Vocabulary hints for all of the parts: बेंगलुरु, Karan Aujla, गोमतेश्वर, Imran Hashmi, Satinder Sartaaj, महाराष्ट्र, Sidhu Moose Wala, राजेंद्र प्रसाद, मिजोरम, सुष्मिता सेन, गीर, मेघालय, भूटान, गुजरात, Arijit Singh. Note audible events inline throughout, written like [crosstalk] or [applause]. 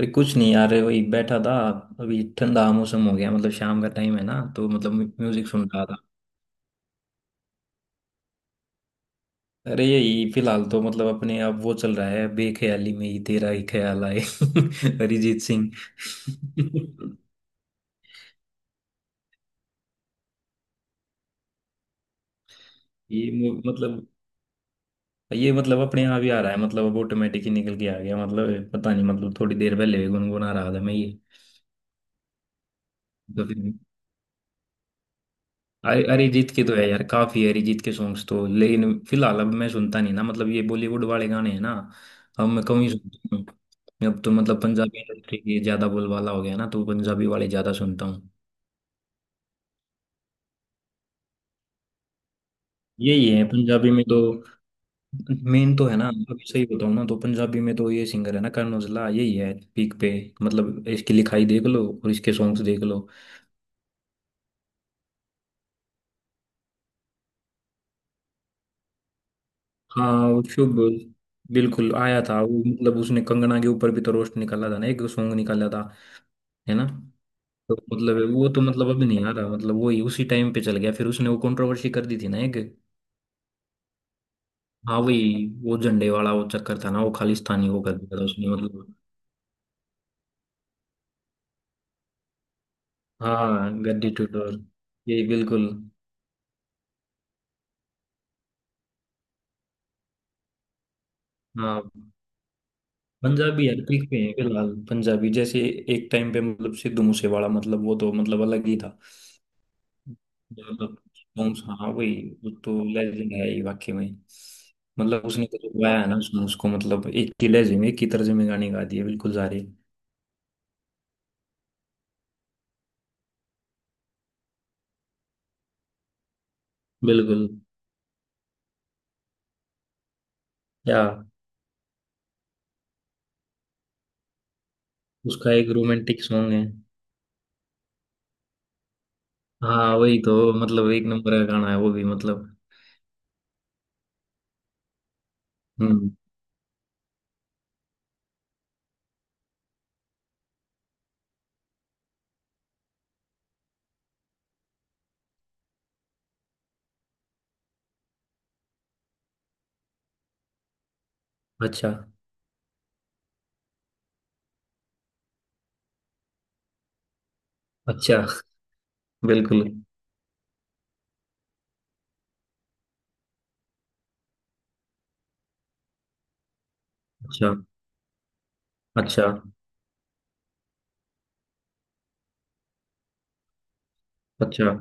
अरे कुछ नहीं यार, वही बैठा था। अभी ठंडा मौसम हो गया, मतलब शाम का टाइम है ना तो मतलब म्यूजिक सुन रहा था। अरे यही फिलहाल तो मतलब अपने आप वो चल रहा है, बेख्याली में ही तेरा ही ख्याल आए [laughs] अरिजीत सिंह। [laughs] ये मतलब ये मतलब अपने आप ही आ रहा है, मतलब अब ऑटोमेटिक ही निकल के आ गया, मतलब पता नहीं, मतलब थोड़ी देर पहले भी गुनगुना रहा था मैं ये। तो फिर अरिजीत के तो है यार, काफी है अरिजीत के सॉन्ग्स तो, लेकिन फिलहाल अब मैं सुनता नहीं ना, मतलब ये बॉलीवुड वाले गाने हैं ना, अब मैं कम ही सुनता हूँ अब तो। मतलब पंजाबी इंडस्ट्री की ज्यादा बोलबाला हो गया ना, तो पंजाबी वाले ज्यादा सुनता हूँ। यही है पंजाबी में तो मेन तो है ना। अभी सही बताऊँ ना तो पंजाबी में तो ये सिंगर है ना करण औजला, यही है पीक पे। मतलब इसकी लिखाई देख लो और इसके सॉन्ग्स देख लो। हाँ वो शुभ, बिल्कुल आया था वो, मतलब उसने कंगना के ऊपर भी तो रोस्ट निकाला था ना, एक सॉन्ग निकाला था। है ना। तो मतलब वो तो मतलब अभी नहीं आ रहा, मतलब वही उसी टाइम पे चल गया, फिर उसने वो कंट्रोवर्सी कर दी थी ना एक। हाँ वही वो झंडे वाला वो चक्कर था ना, वो खालिस्तानी वो कर दिया था उसने, मतलब। हाँ गद्दी टुटोर, यही बिल्कुल। हाँ, पंजाबी हर पीक पे है फिलहाल, पंजाबी जैसे एक टाइम पे मतलब सिद्धू मूसेवाला, मतलब वो तो मतलब अलग ही था। मतलब songs, हाँ वही। वो तो लेजेंड है ही वाकई में। मतलब उसने तो गाया है ना, उसने उसको मतलब एक ही लहजे में एक ही तर्ज में गाने गा दिए बिल्कुल सारे। बिल्कुल। क्या? उसका एक रोमांटिक सॉन्ग है। हाँ वही तो, मतलब एक नंबर का गाना है वो भी, मतलब। हम्म। अच्छा अच्छा। बिल्कुल। अच्छा अच्छा। अच्छा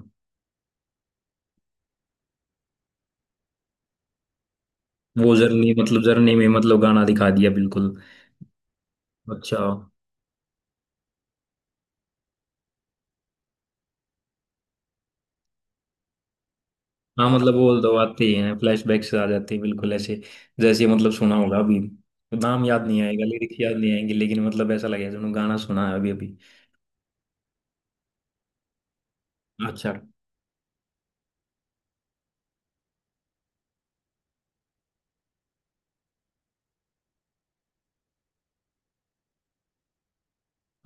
वो जर्नी, मतलब जर्नी में मतलब गाना दिखा दिया बिल्कुल। अच्छा। हाँ मतलब वो तो आते ही हैं, फ्लैशबैक से आ जाते हैं बिल्कुल ऐसे। जैसे मतलब सुना होगा अभी, नाम याद नहीं आएगा, लिरिक्स याद नहीं आएंगे, लेकिन मतलब ऐसा लगेगा जो गाना सुना है अभी अभी। अच्छा।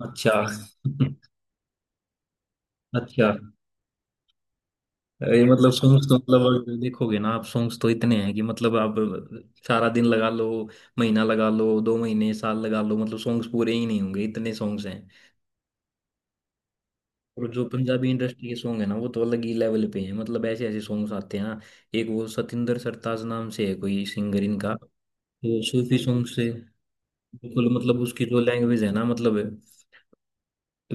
अच्छा। [laughs] अच्छा ये, मतलब सॉन्ग्स तो मतलब अगर देखोगे ना आप, सॉन्ग्स तो इतने हैं कि मतलब आप सारा दिन लगा लो, महीना लगा लो, दो महीने, साल लगा लो, मतलब सॉन्ग्स पूरे ही नहीं होंगे, इतने सॉन्ग्स हैं। और जो पंजाबी इंडस्ट्री के सॉन्ग है ना, वो तो अलग ही लेवल पे हैं, मतलब ऐसे ऐसे सॉन्ग्स आते हैं ना। एक वो सतिंदर सरताज नाम से है कोई सिंगर इनका। तो सूफी सॉन्ग से बिल्कुल, मतलब उसकी जो लैंग्वेज है ना मतलब वे।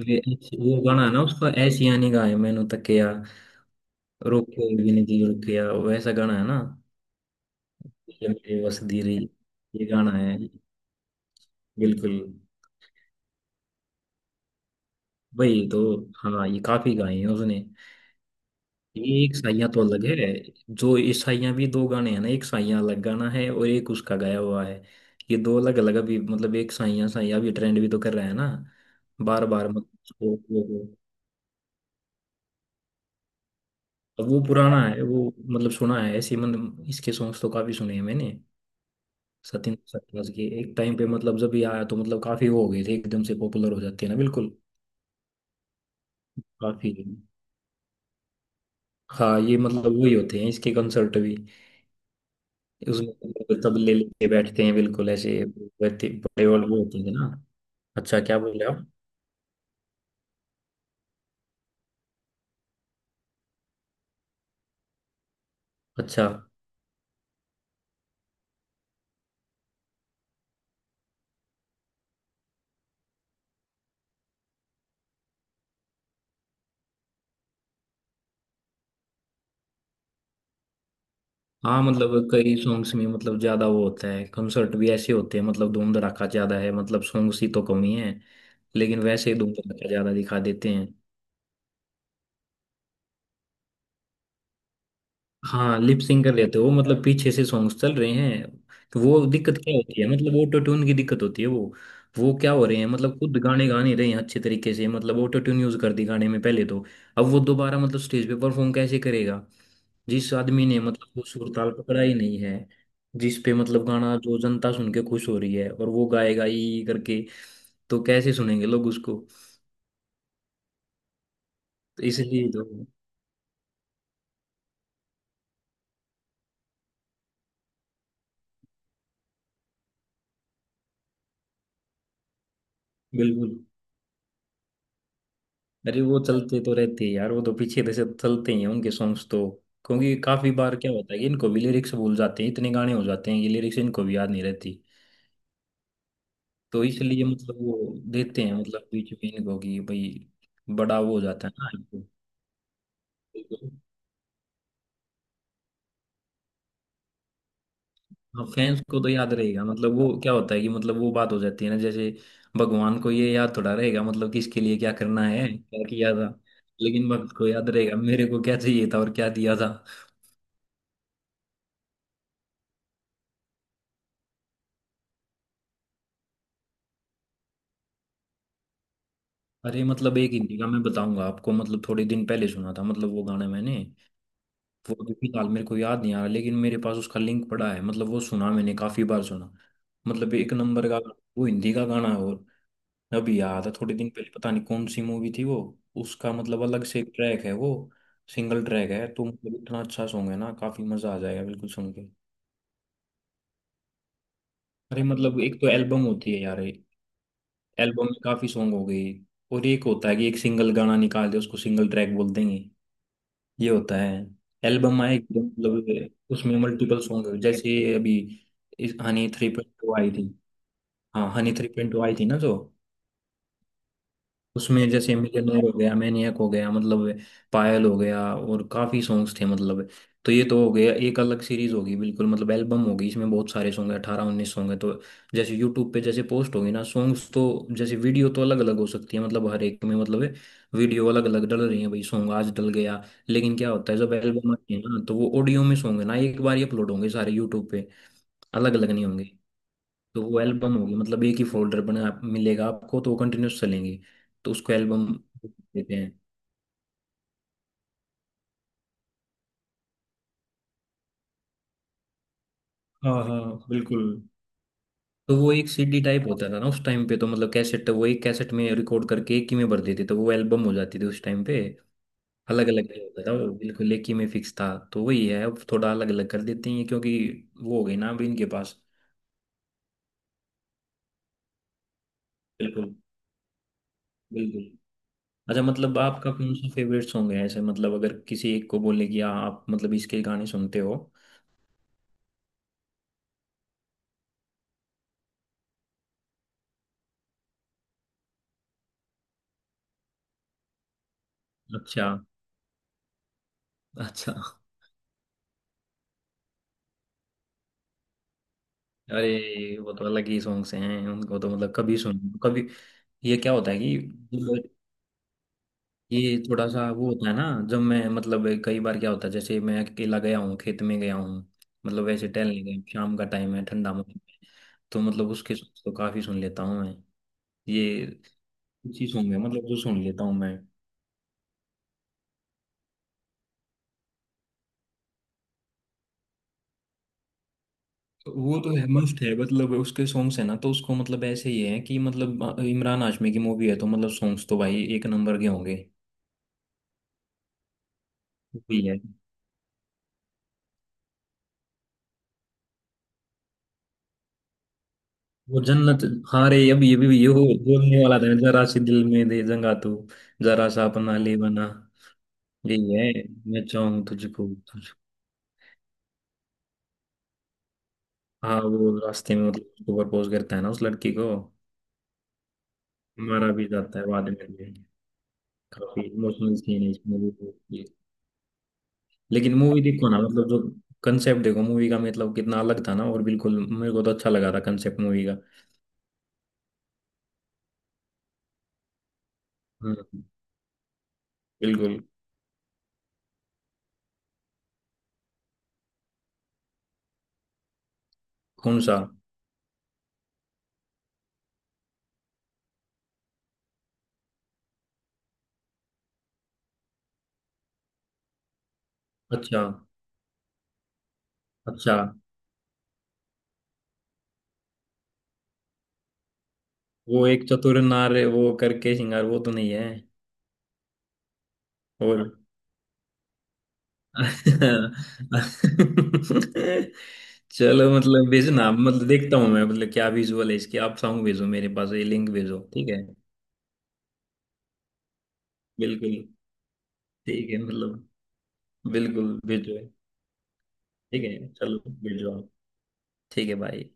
वो गाना है ना उसका, ऐसी यानी गाए मैनू तकिया, रोके बिन जी रुकिया, वैसा गाना है ना। ये मेरी वसदीरी, ये गाना है, बिल्कुल। वही तो। हाँ ये काफी गाए हैं उसने। ये एक साइया तो अलग है। जो इस साइया भी दो गाने हैं ना, एक साइया अलग गाना है, और एक उसका गाया हुआ है। ये दो अलग अलग। अभी मतलब एक साइया साइया अभी ट्रेंड भी तो कर रहा है ना। बार बार, मतलब वो- अब वो पुराना है वो, मतलब सुना है ऐसे, मतलब इसके सॉन्ग्स तो काफी सुने हैं मैंने। सतिंद्र सरताज के एक टाइम पे, मतलब जब ये आया तो मतलब काफी वो हो गए थे, एकदम से पॉपुलर हो जाते हैं ना, बिल्कुल। काफी। हाँ ये मतलब वही होते हैं इसके कंसर्ट भी। उसमें मतलब तबले लेके बैठते हैं बिल्कुल ऐसे, वैसे बड़े वाले वो होते हैं ना। अच्छा क्या बोल रहे हो आप? अच्छा। हाँ मतलब कई सॉन्ग्स में मतलब ज्यादा वो होता है, कंसर्ट भी ऐसे होते हैं, मतलब धूम धड़ाका ज्यादा है, मतलब सॉन्ग्स ही तो कम ही है, लेकिन वैसे ही धूम धड़ाका ज्यादा दिखा देते हैं। हाँ लिप सिंग कर लेते हो, मतलब पीछे से सॉन्ग्स चल रहे हैं। तो वो दिक्कत क्या होती है, मतलब ऑटो ट्यून की दिक्कत होती है वो। वो क्या हो रहे हैं, मतलब खुद गाने गा नहीं रहे हैं अच्छे तरीके से, मतलब ऑटो ट्यून यूज कर दी गाने में पहले तो। अब वो दोबारा मतलब स्टेज पे परफॉर्म कैसे करेगा? जिस आदमी ने मतलब वो सुर ताल पकड़ा ही नहीं है, जिस पे मतलब गाना जो जनता सुन के खुश हो रही है, और वो गाएगा ई करके, तो कैसे सुनेंगे लोग उसको? तो इसलिए तो। बिल्कुल। अरे वो चलते तो रहते हैं यार, वो तो पीछे से चलते ही हैं उनके सॉन्ग्स तो। क्योंकि काफी बार क्या होता है कि इनको भी लिरिक्स भूल जाते हैं, इतने गाने हो जाते हैं कि लिरिक्स इनको भी याद नहीं रहती, तो इसलिए मतलब वो देते हैं मतलब बीच में इनको, कि भाई बड़ा वो हो जाता है ना इनको। हाँ फैंस को तो याद रहेगा, मतलब वो क्या होता है कि मतलब वो बात हो जाती है ना, जैसे भगवान को ये याद थोड़ा रहेगा मतलब किसके लिए क्या करना है क्या किया था, लेकिन भक्त को याद रहेगा मेरे को क्या चाहिए था और क्या दिया था। अरे मतलब एक हिंदी का मैं बताऊंगा आपको, मतलब थोड़े दिन पहले सुना था मतलब वो गाना मैंने। वो अभी फिलहाल मेरे को याद नहीं आ रहा, लेकिन मेरे पास उसका लिंक पड़ा है, मतलब वो सुना, मैंने काफी बार सुना, मतलब एक नंबर का। वो हिंदी का गाना है। और अभी याद है, थोड़े दिन पहले, पता नहीं कौन सी मूवी थी वो। उसका मतलब अलग से एक ट्रैक है वो, सिंगल ट्रैक है, तो मतलब इतना अच्छा सॉन्ग है ना, काफी मजा आ जाएगा बिल्कुल सुन के। अरे मतलब एक तो एल्बम होती है यार, एल्बम में काफी सॉन्ग हो गई, और एक होता है कि एक सिंगल गाना निकाल दे, उसको सिंगल ट्रैक बोल देंगे, ये होता है। एल्बम आए एकदम, मतलब उसमें मल्टीपल सॉन्ग, जैसे अभी इस हनी 3.2 आई थी। हाँ हनी 3.2 आई थी ना जो, उसमें जैसे मिलियनेयर हो गया, मैनियक हो गया मतलब, पायल हो गया, और काफी सॉन्ग्स थे मतलब। तो ये तो हो गया एक अलग सीरीज होगी, बिल्कुल मतलब एल्बम होगी, इसमें बहुत सारे सॉन्ग है, 18-19 सॉन्ग है तो। जैसे यूट्यूब पे जैसे पोस्ट होगी ना सॉन्ग्स तो, जैसे वीडियो तो अलग अलग हो सकती है, मतलब हर एक में मतलब वीडियो अलग अलग डल रही है, भाई सॉन्ग आज डल गया। लेकिन क्या होता है जब एल्बम आती है ना, तो वो ऑडियो में सॉन्ग है ना, एक बार ही अपलोड होंगे सारे यूट्यूब पे, अलग अलग नहीं होंगे। तो वो एल्बम होगी, मतलब एक ही फोल्डर बना मिलेगा आपको, तो वो कंटिन्यूस चलेंगी, तो उसको एल्बम देते हैं। हाँ हाँ। बिल्कुल। तो वो एक सीडी टाइप होता था ना उस टाइम पे, तो मतलब कैसेट, वो एक कैसेट में रिकॉर्ड करके एक ही में भर देते तो वो एल्बम हो जाती थी उस टाइम पे। अलग अलग नहीं होता था वो, बिल्कुल एक ही में फिक्स था, तो वही है। अब थोड़ा अलग अलग कर देते हैं क्योंकि वो हो गई ना अभी इनके पास। बिल्कुल। बिल्कुल। अच्छा, मतलब आपका कौन सा फेवरेट सॉन्ग है ऐसे, मतलब अगर किसी एक को बोले कि हाँ, आप मतलब इसके गाने सुनते हो? अच्छा। अच्छा। अरे वो तो अलग ही सॉन्ग्स हैं उनको तो, मतलब कभी सुन, कभी। ये क्या होता है कि जब, ये थोड़ा सा वो होता है ना, जब मैं, मतलब कई बार क्या होता है जैसे मैं अकेला गया हूँ, खेत में गया हूँ, मतलब वैसे टहलने गया हूँ, शाम का टाइम है, ठंडा मौसम है, तो मतलब उसके songs तो काफी सुन लेता हूँ मैं। ये अच्छी सॉन्ग है, मतलब जो सुन लेता हूँ मैं। वो तो है, मस्त है, मतलब उसके सॉन्ग्स है ना तो, उसको मतलब ऐसे ही है कि मतलब इमरान हाशमी की मूवी है, तो मतलब सॉन्ग्स तो भाई एक नंबर के होंगे। वही है वो जन्नत। हाँ रे अब ये भी ये हो बोलने वाला था, जरा सी दिल में दे जगह तू, जरा सा अपना ले बना, यही है। मैं चाहूँ तुझको तुझको। हाँ वो रास्ते में मतलब उसको प्रपोज करता है ना उस लड़की को। मारा भी जाता है बाद में भी। काफी इमोशनल सीन है इस मूवी को ये। लेकिन मूवी देखो ना, मतलब जो कंसेप्ट देखो मूवी का, मतलब कितना अलग था ना, और बिल्कुल मेरे को तो अच्छा लगा था कंसेप्ट मूवी का। हम्म। बिल्कुल। कौन सा? अच्छा। अच्छा वो एक चतुर नार वो करके श्रृंगार, वो तो नहीं है? और [laughs] चलो, मतलब भेजना, मतलब देखता हूँ मैं मतलब क्या विजुअल है इसकी, आप सॉन्ग भेजो मेरे पास, ये लिंक भेजो ठीक है। बिल्कुल। ठीक है मतलब, बिल्कुल भेजो। ठीक है चलो भेजो आप। ठीक है भाई।